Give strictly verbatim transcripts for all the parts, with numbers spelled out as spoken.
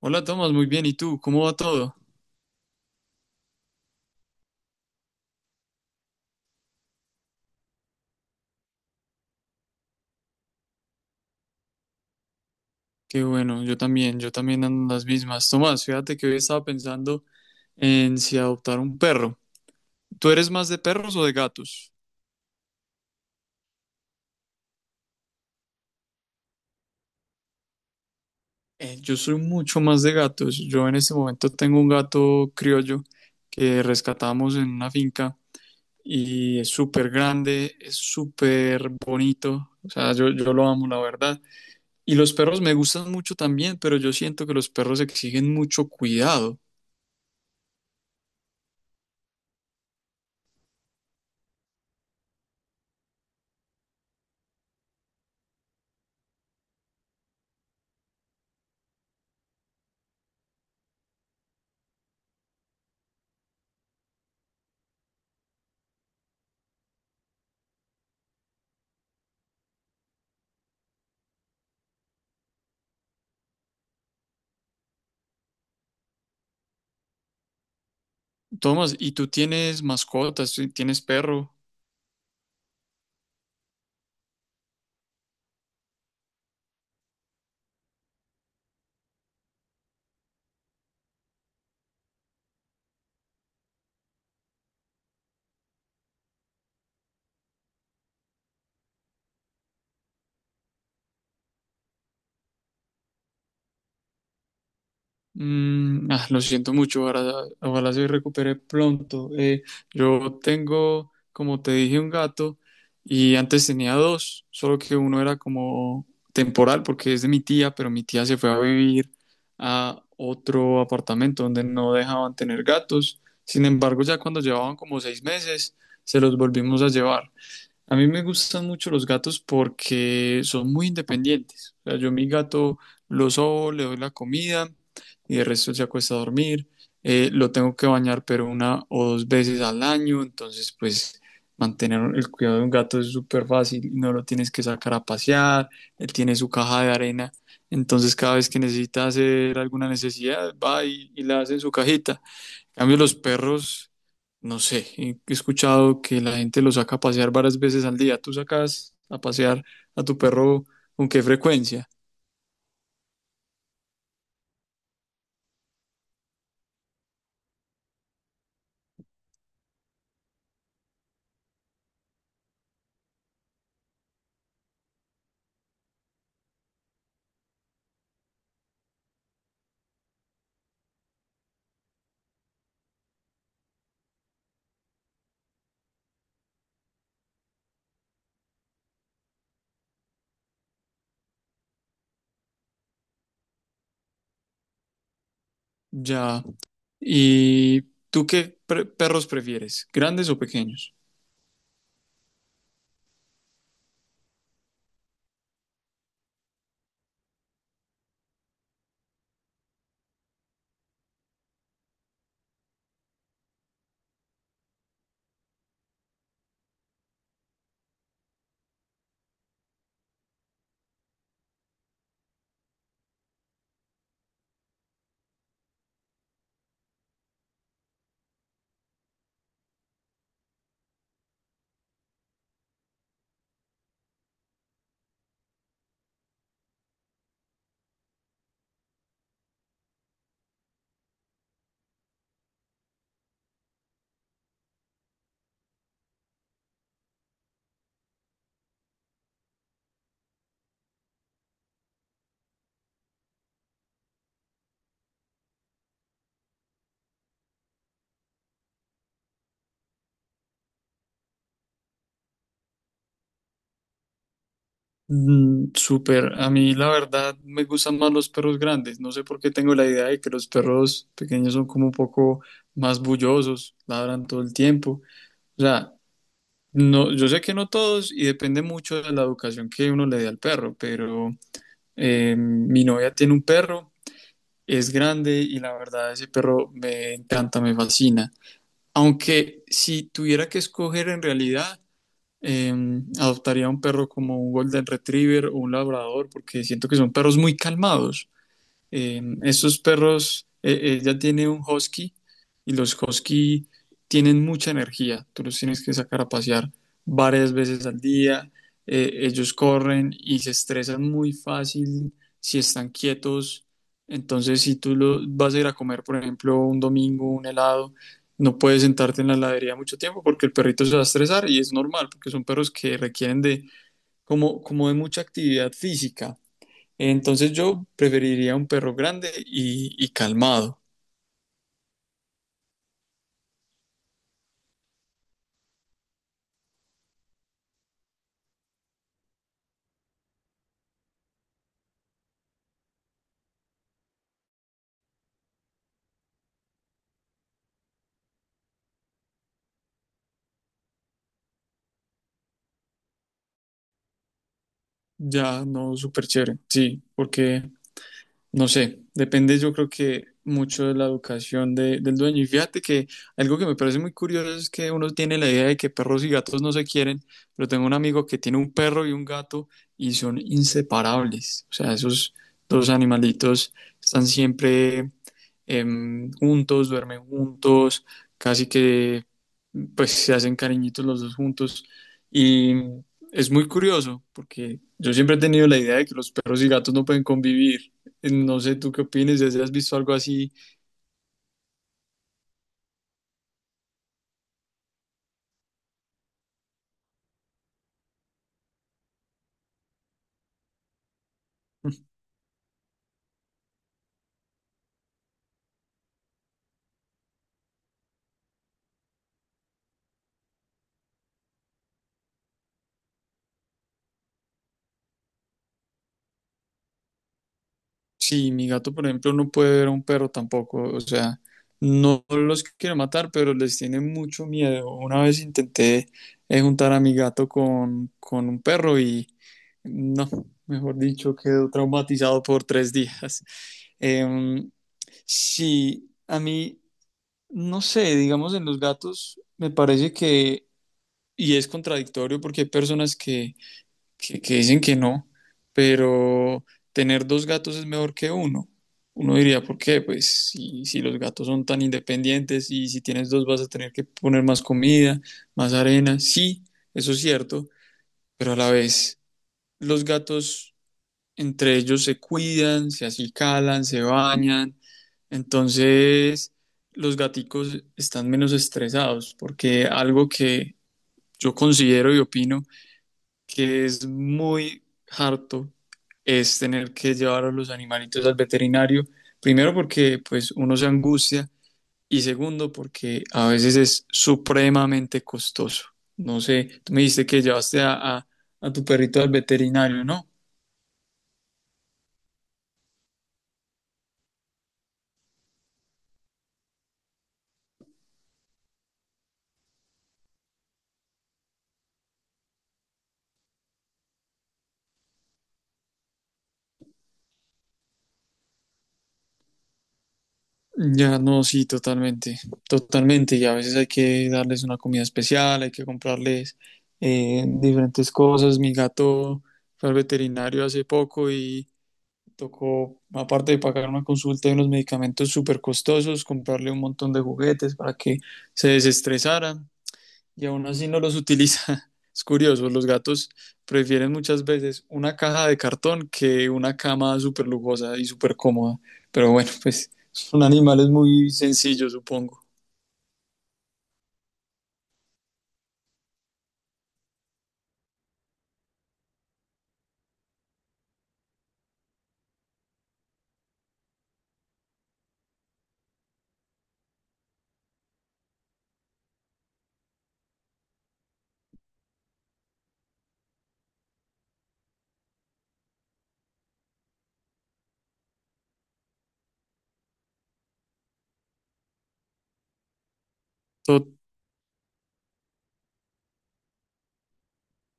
Hola Tomás, muy bien. ¿Y tú? ¿Cómo va todo? Qué bueno, yo también, yo también ando en las mismas. Tomás, fíjate que hoy estaba pensando en si adoptar un perro. ¿Tú eres más de perros o de gatos? Eh, yo soy mucho más de gatos. Yo en este momento tengo un gato criollo que rescatamos en una finca y es súper grande, es súper bonito. O sea, yo, yo lo amo, la verdad. Y los perros me gustan mucho también, pero yo siento que los perros exigen mucho cuidado. Tomás, ¿y tú tienes mascotas? ¿Tú ¿Tienes perro? Mm, ah, lo siento mucho, ojalá, ojalá se recupere pronto. Eh, yo tengo, como te dije, un gato y antes tenía dos, solo que uno era como temporal porque es de mi tía, pero mi tía se fue a vivir a otro apartamento donde no dejaban tener gatos. Sin embargo, ya cuando llevaban como seis meses, se los volvimos a llevar. A mí me gustan mucho los gatos porque son muy independientes. O sea, yo a mi gato lo sobo, le doy la comida y el resto se acuesta a dormir. Eh, lo tengo que bañar pero una o dos veces al año. Entonces pues mantener el cuidado de un gato es súper fácil, no lo tienes que sacar a pasear, él tiene su caja de arena, entonces cada vez que necesita hacer alguna necesidad va y, y la hace en su cajita. En cambio, los perros, no sé, he escuchado que la gente los saca a pasear varias veces al día. ¿Tú sacas a pasear a tu perro con qué frecuencia? Ya. ¿Y tú qué pre- perros prefieres? ¿Grandes o pequeños? Mm, súper. A mí la verdad me gustan más los perros grandes. No sé por qué tengo la idea de que los perros pequeños son como un poco más bullosos, ladran todo el tiempo. O sea, no, yo sé que no todos y depende mucho de la educación que uno le dé al perro, pero Eh, mi novia tiene un perro, es grande y la verdad ese perro me encanta, me fascina. Aunque si tuviera que escoger en realidad, eh, adoptaría un perro como un Golden Retriever o un Labrador, porque siento que son perros muy calmados. Eh, estos perros, eh, ella tiene un husky y los husky tienen mucha energía. Tú los tienes que sacar a pasear varias veces al día. Eh, ellos corren y se estresan muy fácil si están quietos. Entonces, si tú lo, vas a ir a comer, por ejemplo, un domingo, un helado, no puedes sentarte en la heladería mucho tiempo porque el perrito se va a estresar y es normal porque son perros que requieren de como, como de mucha actividad física. Entonces yo preferiría un perro grande y, y calmado, ya no súper chévere, sí, porque no sé, depende yo creo que mucho de la educación de- del dueño. Y fíjate que algo que me parece muy curioso es que uno tiene la idea de que perros y gatos no se quieren, pero tengo un amigo que tiene un perro y un gato y son inseparables, o sea, esos dos animalitos están siempre em, juntos, duermen juntos, casi que pues se hacen cariñitos los dos juntos. Y es muy curioso porque yo siempre he tenido la idea de que los perros y gatos no pueden convivir. No sé tú qué opinas, si has visto algo así. Sí, mi gato, por ejemplo, no puede ver a un perro tampoco, o sea, no los quiere matar, pero les tiene mucho miedo. Una vez intenté eh, juntar a mi gato con, con un perro y no, mejor dicho, quedó traumatizado por tres días. Em, sí, a mí, no sé, digamos, en los gatos me parece que, y es contradictorio porque hay personas que que, que dicen que no, pero tener dos gatos es mejor que uno. Uno diría, ¿por qué? Pues si, si los gatos son tan independientes y si tienes dos vas a tener que poner más comida, más arena. Sí, eso es cierto, pero a la vez los gatos entre ellos se cuidan, se acicalan, se bañan. Entonces los gaticos están menos estresados porque algo que yo considero y opino que es muy harto es tener que llevar a los animalitos al veterinario, primero porque pues uno se angustia y segundo porque a veces es supremamente costoso. No sé, tú me dijiste que llevaste a, a, a tu perrito al veterinario, ¿no? Ya no, sí, totalmente, totalmente. Y a veces hay que darles una comida especial, hay que comprarles eh, diferentes cosas. Mi gato fue al veterinario hace poco y tocó, aparte de pagar una consulta y unos medicamentos súper costosos, comprarle un montón de juguetes para que se desestresara y aún así no los utiliza. Es curioso, los gatos prefieren muchas veces una caja de cartón que una cama súper lujosa y súper cómoda. Pero bueno, pues son animales muy sencillos, supongo. To-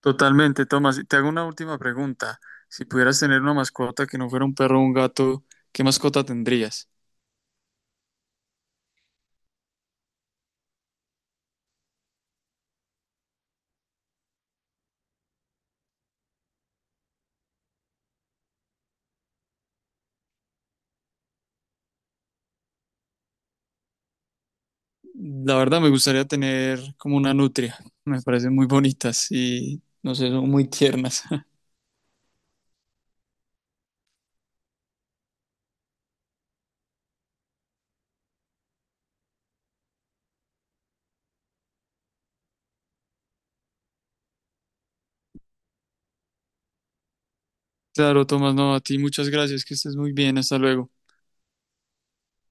Totalmente, Tomás. Y te hago una última pregunta. Si pudieras tener una mascota que no fuera un perro o un gato, ¿qué mascota tendrías? La verdad me gustaría tener como una nutria. Me parecen muy bonitas y no sé, son muy tiernas. Claro, Tomás, no, a ti muchas gracias, que estés muy bien, hasta luego.